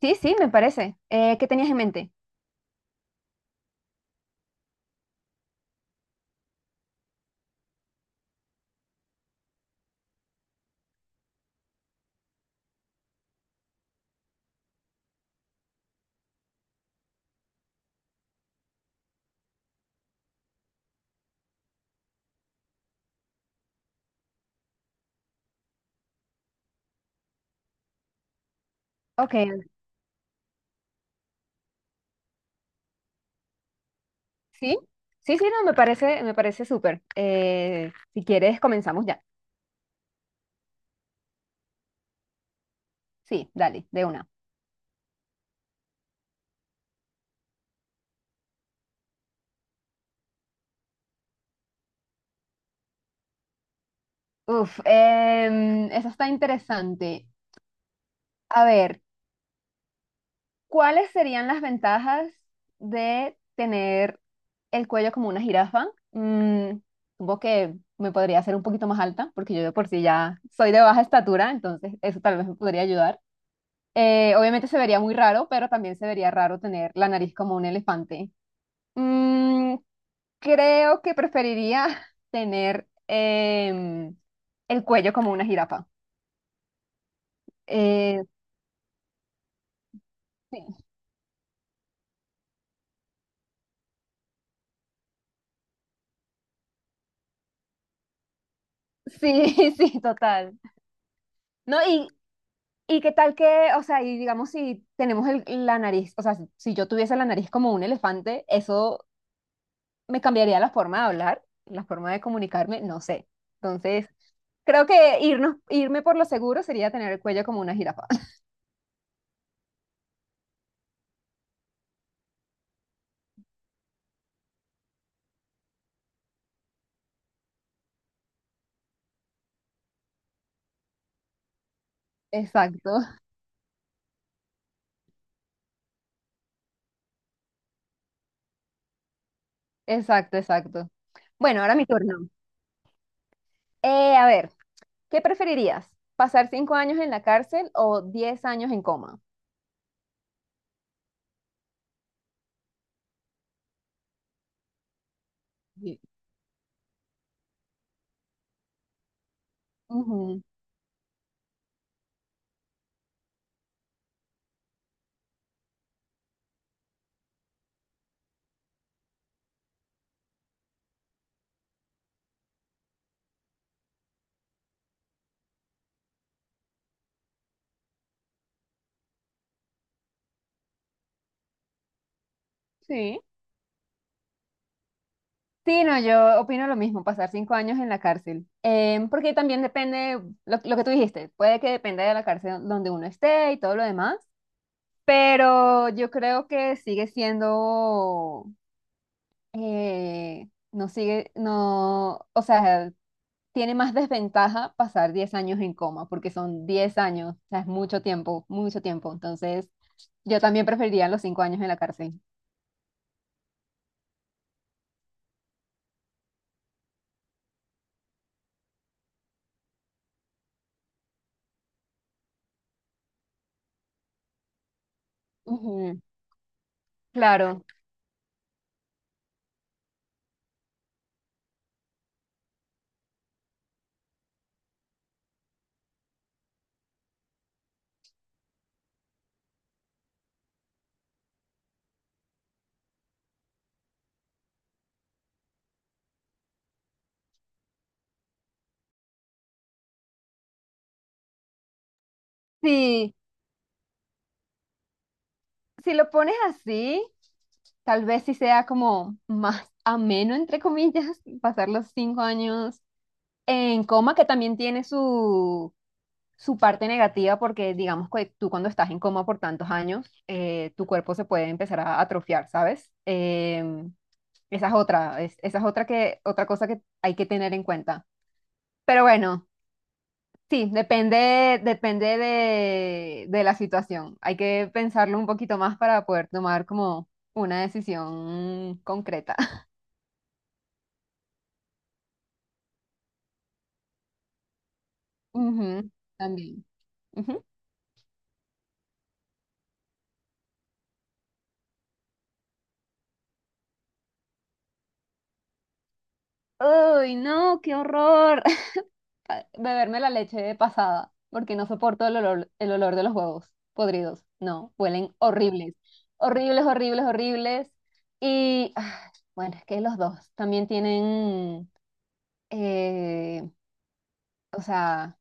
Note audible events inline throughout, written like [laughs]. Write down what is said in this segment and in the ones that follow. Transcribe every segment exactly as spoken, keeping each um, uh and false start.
Sí, sí, me parece. Eh, ¿qué tenías en mente? Ok, sí, sí, sí, no, me parece, me parece súper. Eh, si quieres, comenzamos ya. Sí, dale, de una. Uf, em, eso está interesante. A ver, ¿cuáles serían las ventajas de tener el cuello como una jirafa? Mm, Supongo que me podría hacer un poquito más alta, porque yo de por sí ya soy de baja estatura, entonces eso tal vez me podría ayudar. Eh, obviamente se vería muy raro, pero también se vería raro tener la nariz como un elefante. Mm, Creo que preferiría [laughs] tener em, el cuello como una jirafa. Eh, sí, sí, [laughs] sí, total. No, y, y qué tal que, o sea, y digamos si tenemos el- la nariz, o sea, si si yo tuviese la nariz como un elefante, eso me cambiaría la forma de hablar, la forma de comunicarme, no sé. Entonces, creo que irnos, irme por lo seguro sería tener el cuello como una jirafa. Exacto, exacto, exacto. Bueno, ahora mi turno. Eh, a ver, ¿qué preferirías? ¿Pasar cinco años en la cárcel o diez años en coma? Sí. Ujú. Sí. Sí, no, yo opino lo mismo, pasar cinco años en la cárcel. Em, porque también depende, lo, lo que tú dijiste, puede que dependa de la cárcel donde uno esté y todo lo demás, pero yo creo que sigue siendo, eh, no sigue, no, o sea, tiene más desventaja pasar diez años en coma, porque son diez años, o sea, es mucho tiempo, mucho tiempo. Entonces, yo también preferiría los cinco años en la cárcel. Ujú, claro. Sí, si lo pones así, tal vez sí sea como más ameno, entre comillas, [laughs] pasar los cinco años en coma, que también tiene su, su parte negativa, porque digamos que tú cuando estás en coma por tantos años, eh, tu cuerpo se puede empezar a atrofiar, ¿sabes? Em, Esa es otra, es- esa es otra que, otra cosa que hay que tener en cuenta. Pero bueno, sí, depende, depende de, de la situación. Hay que pensarlo un poquito más para poder tomar como una decisión concreta. [laughs] Ujú, también. Ujú. Uy, no, qué horror. A- beberme la leche de pasada, porque no soporto el olor, el olor de los huevos podridos. No, huelen horribles, horribles, horribles, horribles. Y ah, bueno, es que los dos también tienen, eh, o sea,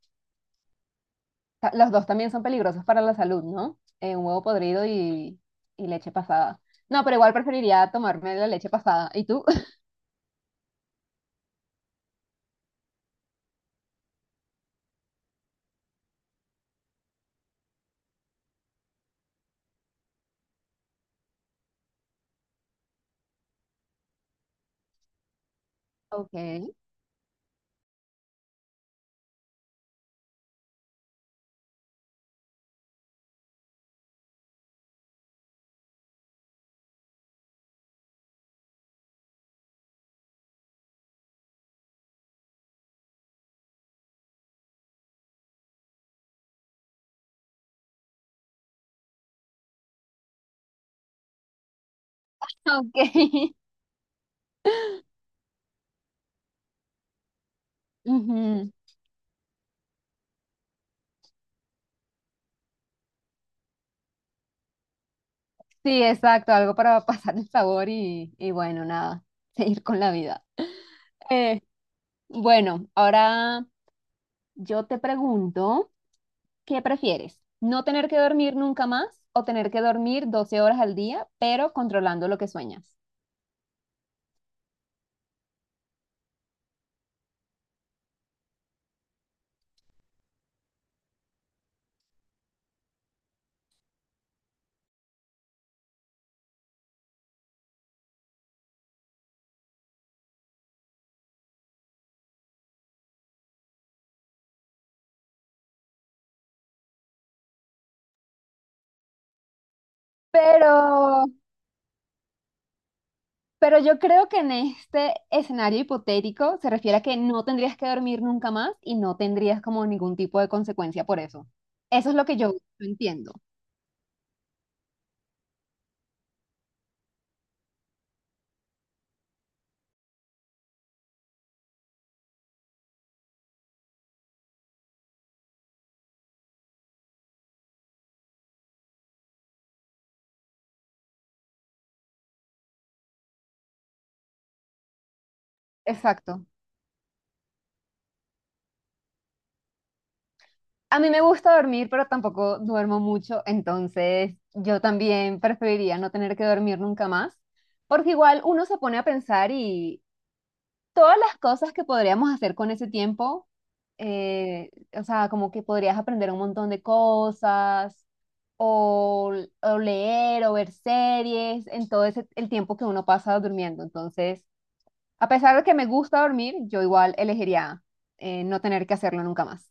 ta- los dos también son peligrosos para la salud, ¿no? Eh, un huevo podrido y, y leche pasada. No, pero igual preferiría tomarme la leche pasada. ¿Y tú? [laughs] Ok, ok. [laughs] Ujú. Sí, exacto, algo para [laughs] pasar el sabor y, y bueno, nada, [laughs] seguir con la vida. Eh, bueno, ahora yo te pregunto, ¿qué prefieres? ¿No tener que dormir nunca más o tener que dormir doce horas al día, pero controlando lo que sueñas? Pero, pero yo creo que en este escenario hipotético se refiere a que no tendrías que dormir nunca más y no tendrías como ningún tipo de consecuencia por eso. Eso es lo que yo entiendo. Exacto. A mí me gusta dormir, pero tampoco duermo mucho, entonces yo también preferiría no tener que dormir nunca más, porque igual uno se pone a pensar y todas las cosas que podríamos hacer con ese tiempo, eh, o sea, como que podrías aprender un montón de cosas, o, o leer, o ver series, en todo ese, el tiempo que uno pasa durmiendo. Entonces, a pesar de que me gusta dormir, yo igual elegiría eh, no tener que hacerlo nunca más.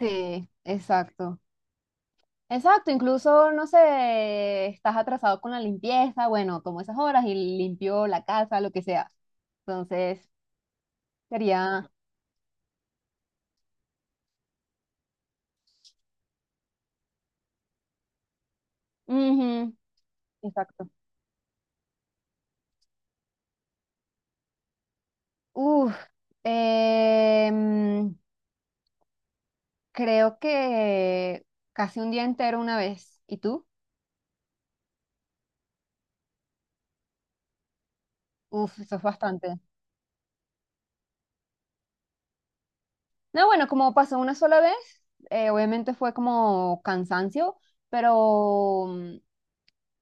Sí, exacto. Exacto, incluso, no sé, estás atrasado con la limpieza, bueno, tomo esas horas y limpio la casa, lo que sea. Entonces, sería... Ujú, exacto. Uf, em, creo que casi un día entero una vez. ¿Y tú? Uf, eso es bastante. No, bueno, como pasó una sola vez, eh, obviamente fue como cansancio, pero mm,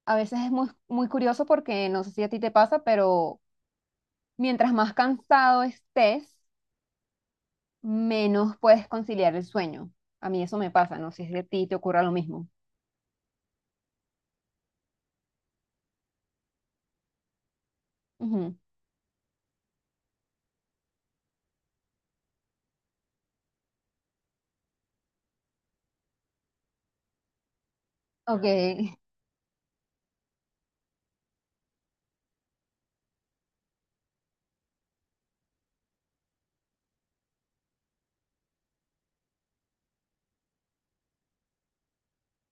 a veces es muy, muy curioso porque no sé si a ti te pasa, pero mientras más cansado estés, menos puedes conciliar el sueño. A mí eso me pasa, no sé si a ti te ocurra lo mismo. Ujú. Ok.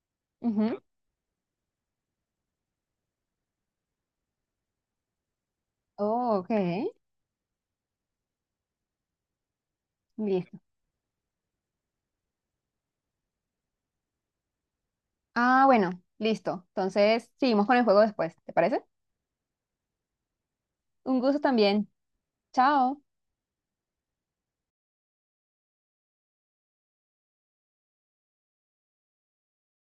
[laughs] Ujú. Oh, ok. Listo. Ah, bueno, listo. Entonces, seguimos con el juego después, ¿te parece? Un gusto también. Chao.